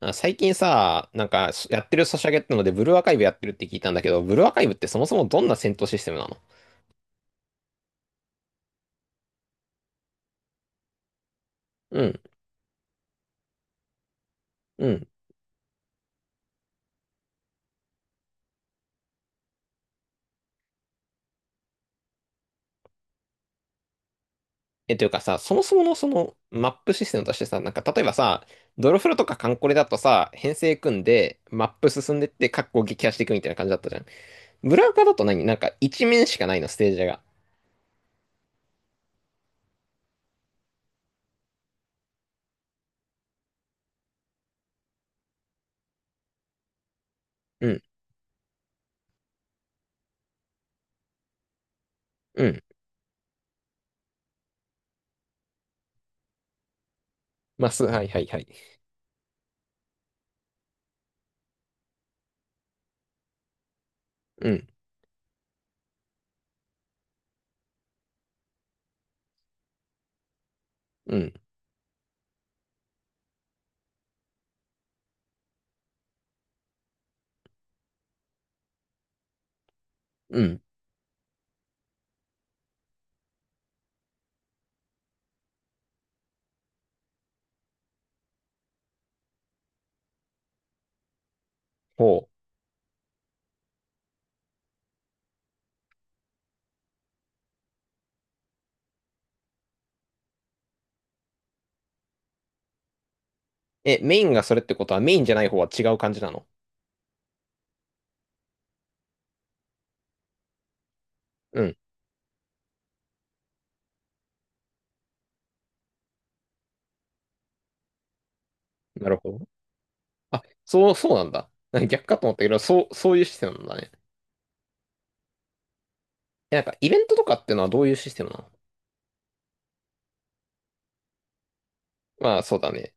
あ、最近さ、なんかやってるソシャゲってので、ブルーアーカイブやってるって聞いたんだけど、ブルーアーカイブってそもそもどんな戦闘システムなの？うん、うん。え、というかさ、そもそものそのマップシステムとしてさ、なんか例えばさ、ドロフロとかカンコレだとさ、編成組んでマップ進んでって、カッコ撃破していくみたいな感じだったじゃん。ブルーアーカだとなんか一面しかないの、ステージが？うん、うん。マス、はいはいはい。うん、うん、うん。ほう。え、メインがそれってことはメインじゃない方は違う感じなの？うん。なるほど。あ、そう、そうなんだ。なんか逆かと思ったけど、そう、そういうシステムなんだね。え、なんか、イベントとかってのはどういうシステムなの？まあ、そうだね。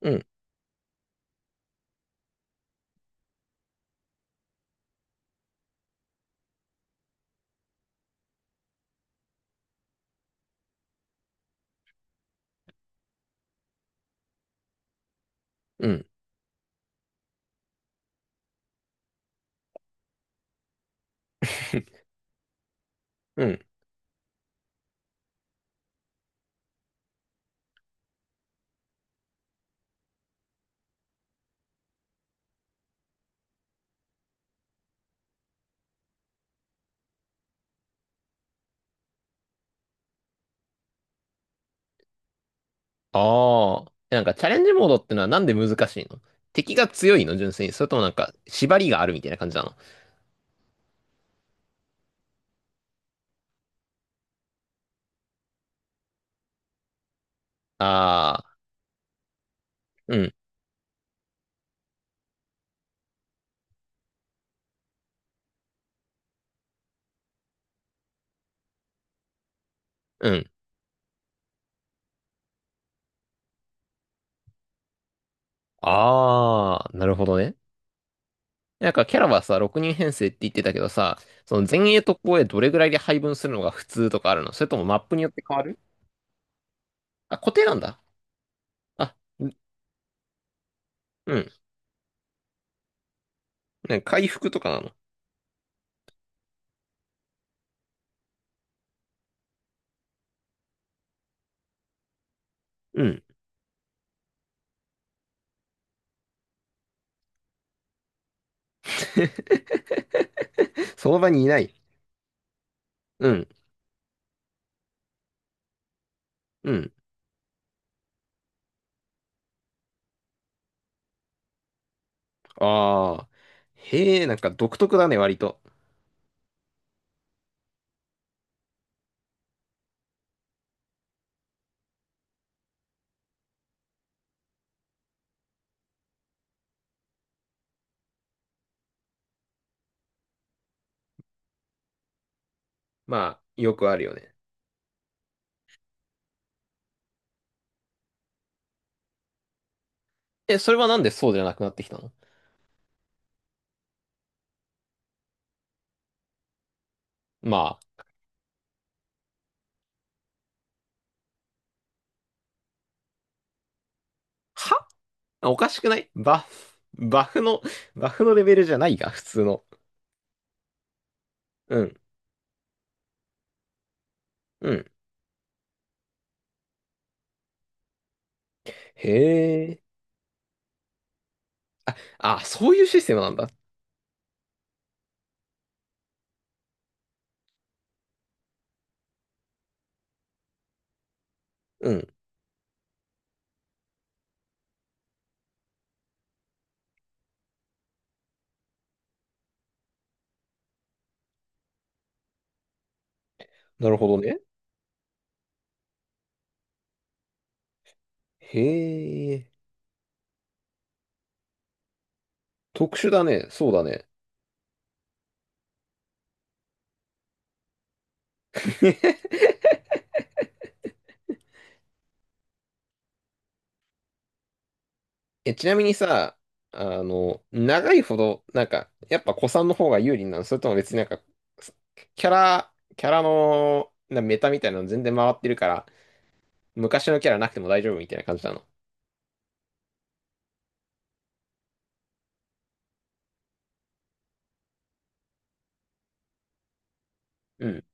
うん、うん。うん。ああ。え、なんか、チャレンジモードってのはなんで難しいの？敵が強いの純粋に？それともなんか、縛りがあるみたいな感じなの？ああー、うん、うん。ああ、なるほどね。なんか、キャラはさ、6人編成って言ってたけどさ、その前衛と後衛どれぐらいで配分するのが普通とかあるの？それともマップによって変わる？あ、固定なんだ。あ、うん、ね、回復とかなの？うん。その場にいない。うん。うん。ああ。へえ、なんか独特だね、割と。まあ、よくあるよね。え、それはなんでそうじゃなくなってきたの？まあ、は、おかしくないバフの、バフのレベルじゃないが、普通の。うん。うん。へえ。あ、そういうシステムなんだ。うん。なるほどね。へえ。特殊だね。そうだね。え、ちなみにさ、長いほど、なんか、やっぱ古参の方が有利なの？それとも別になんか、キャラの、メタみたいなの全然回ってるから、昔のキャラなくても大丈夫みたいな感じなの？うん。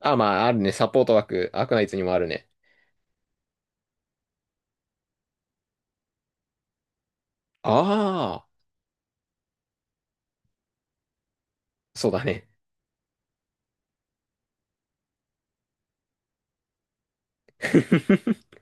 あ、まあ、あるね。サポート枠、アークナイツにもあるね。ああ、そうだね。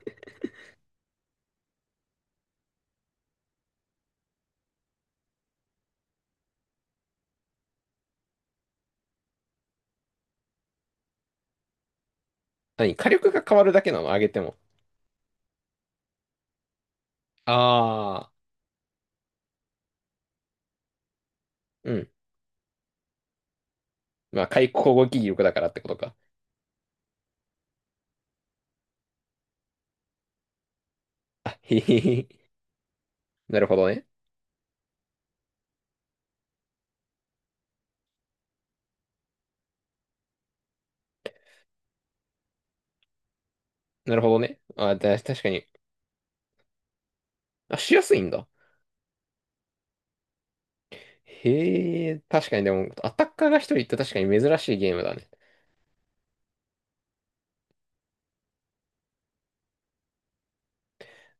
何、火力が変わるだけなの、上げても？ああ、うん。まあ、攻撃力だからってことか。あ、へへへ。なるほどね。なるほどね。あ、確かに。あ、しやすいんだ。へえ、確かにでも、アタッカーが一人って確かに珍しいゲームだね。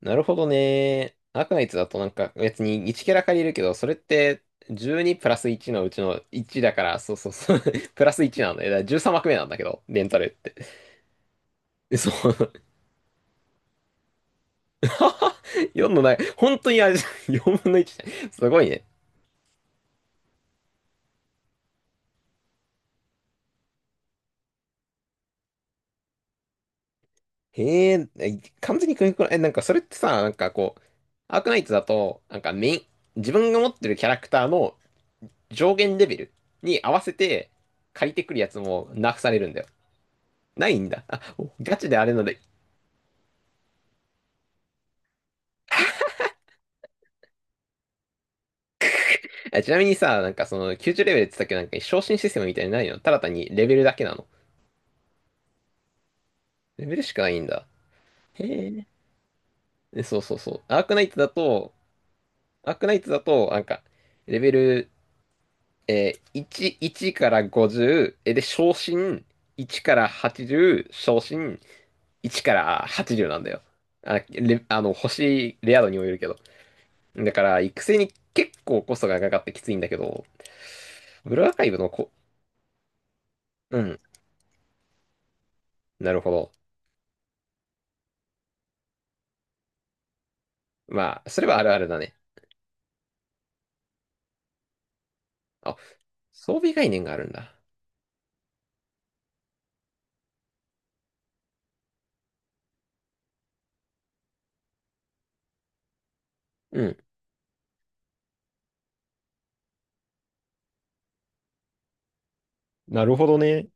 なるほどね。アーカナイツだとなんか別に1キャラ借りるけど、それって12プラス1のうちの1だから、そうそうそう、プラス1なんだよ。だから13幕目なんだけど、レンタルって。えそう。4のない、本当にあれ、4分の1。すごいね。へえ、え、完全に組み込まえ、なんかそれってさ、なんかこう、アークナイツだと、なんかメイン、自分が持ってるキャラクターの上限レベルに合わせて借りてくるやつもナーフされるんだよ。ないんだ。あ、ガチであれので。ちなみにさ、なんかその90レベルって言ったけど、なんか昇進システムみたいにないの？ただ単にレベルだけなの？レベルしかないんだ。へえ。そうそうそう。アークナイトだと、なんか、レベル、1、いちから50、で、昇進1から80、昇進1から80なんだよ。あ、レ、あの、星、レア度にもよるけど。だから、育成に結構コストがかかってきついんだけど、ブルーアーカイブのうん、なるほど。まあ、それはあるあるだね。あ、装備概念があるんだ。うん、なるほどね。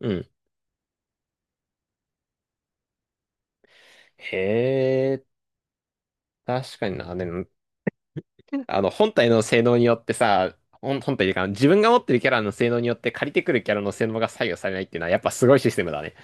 うん。へえ、確かにな。でも、本体の性能によってさ、本体というか、自分が持ってるキャラの性能によって借りてくるキャラの性能が左右されないっていうのは、やっぱすごいシステムだね。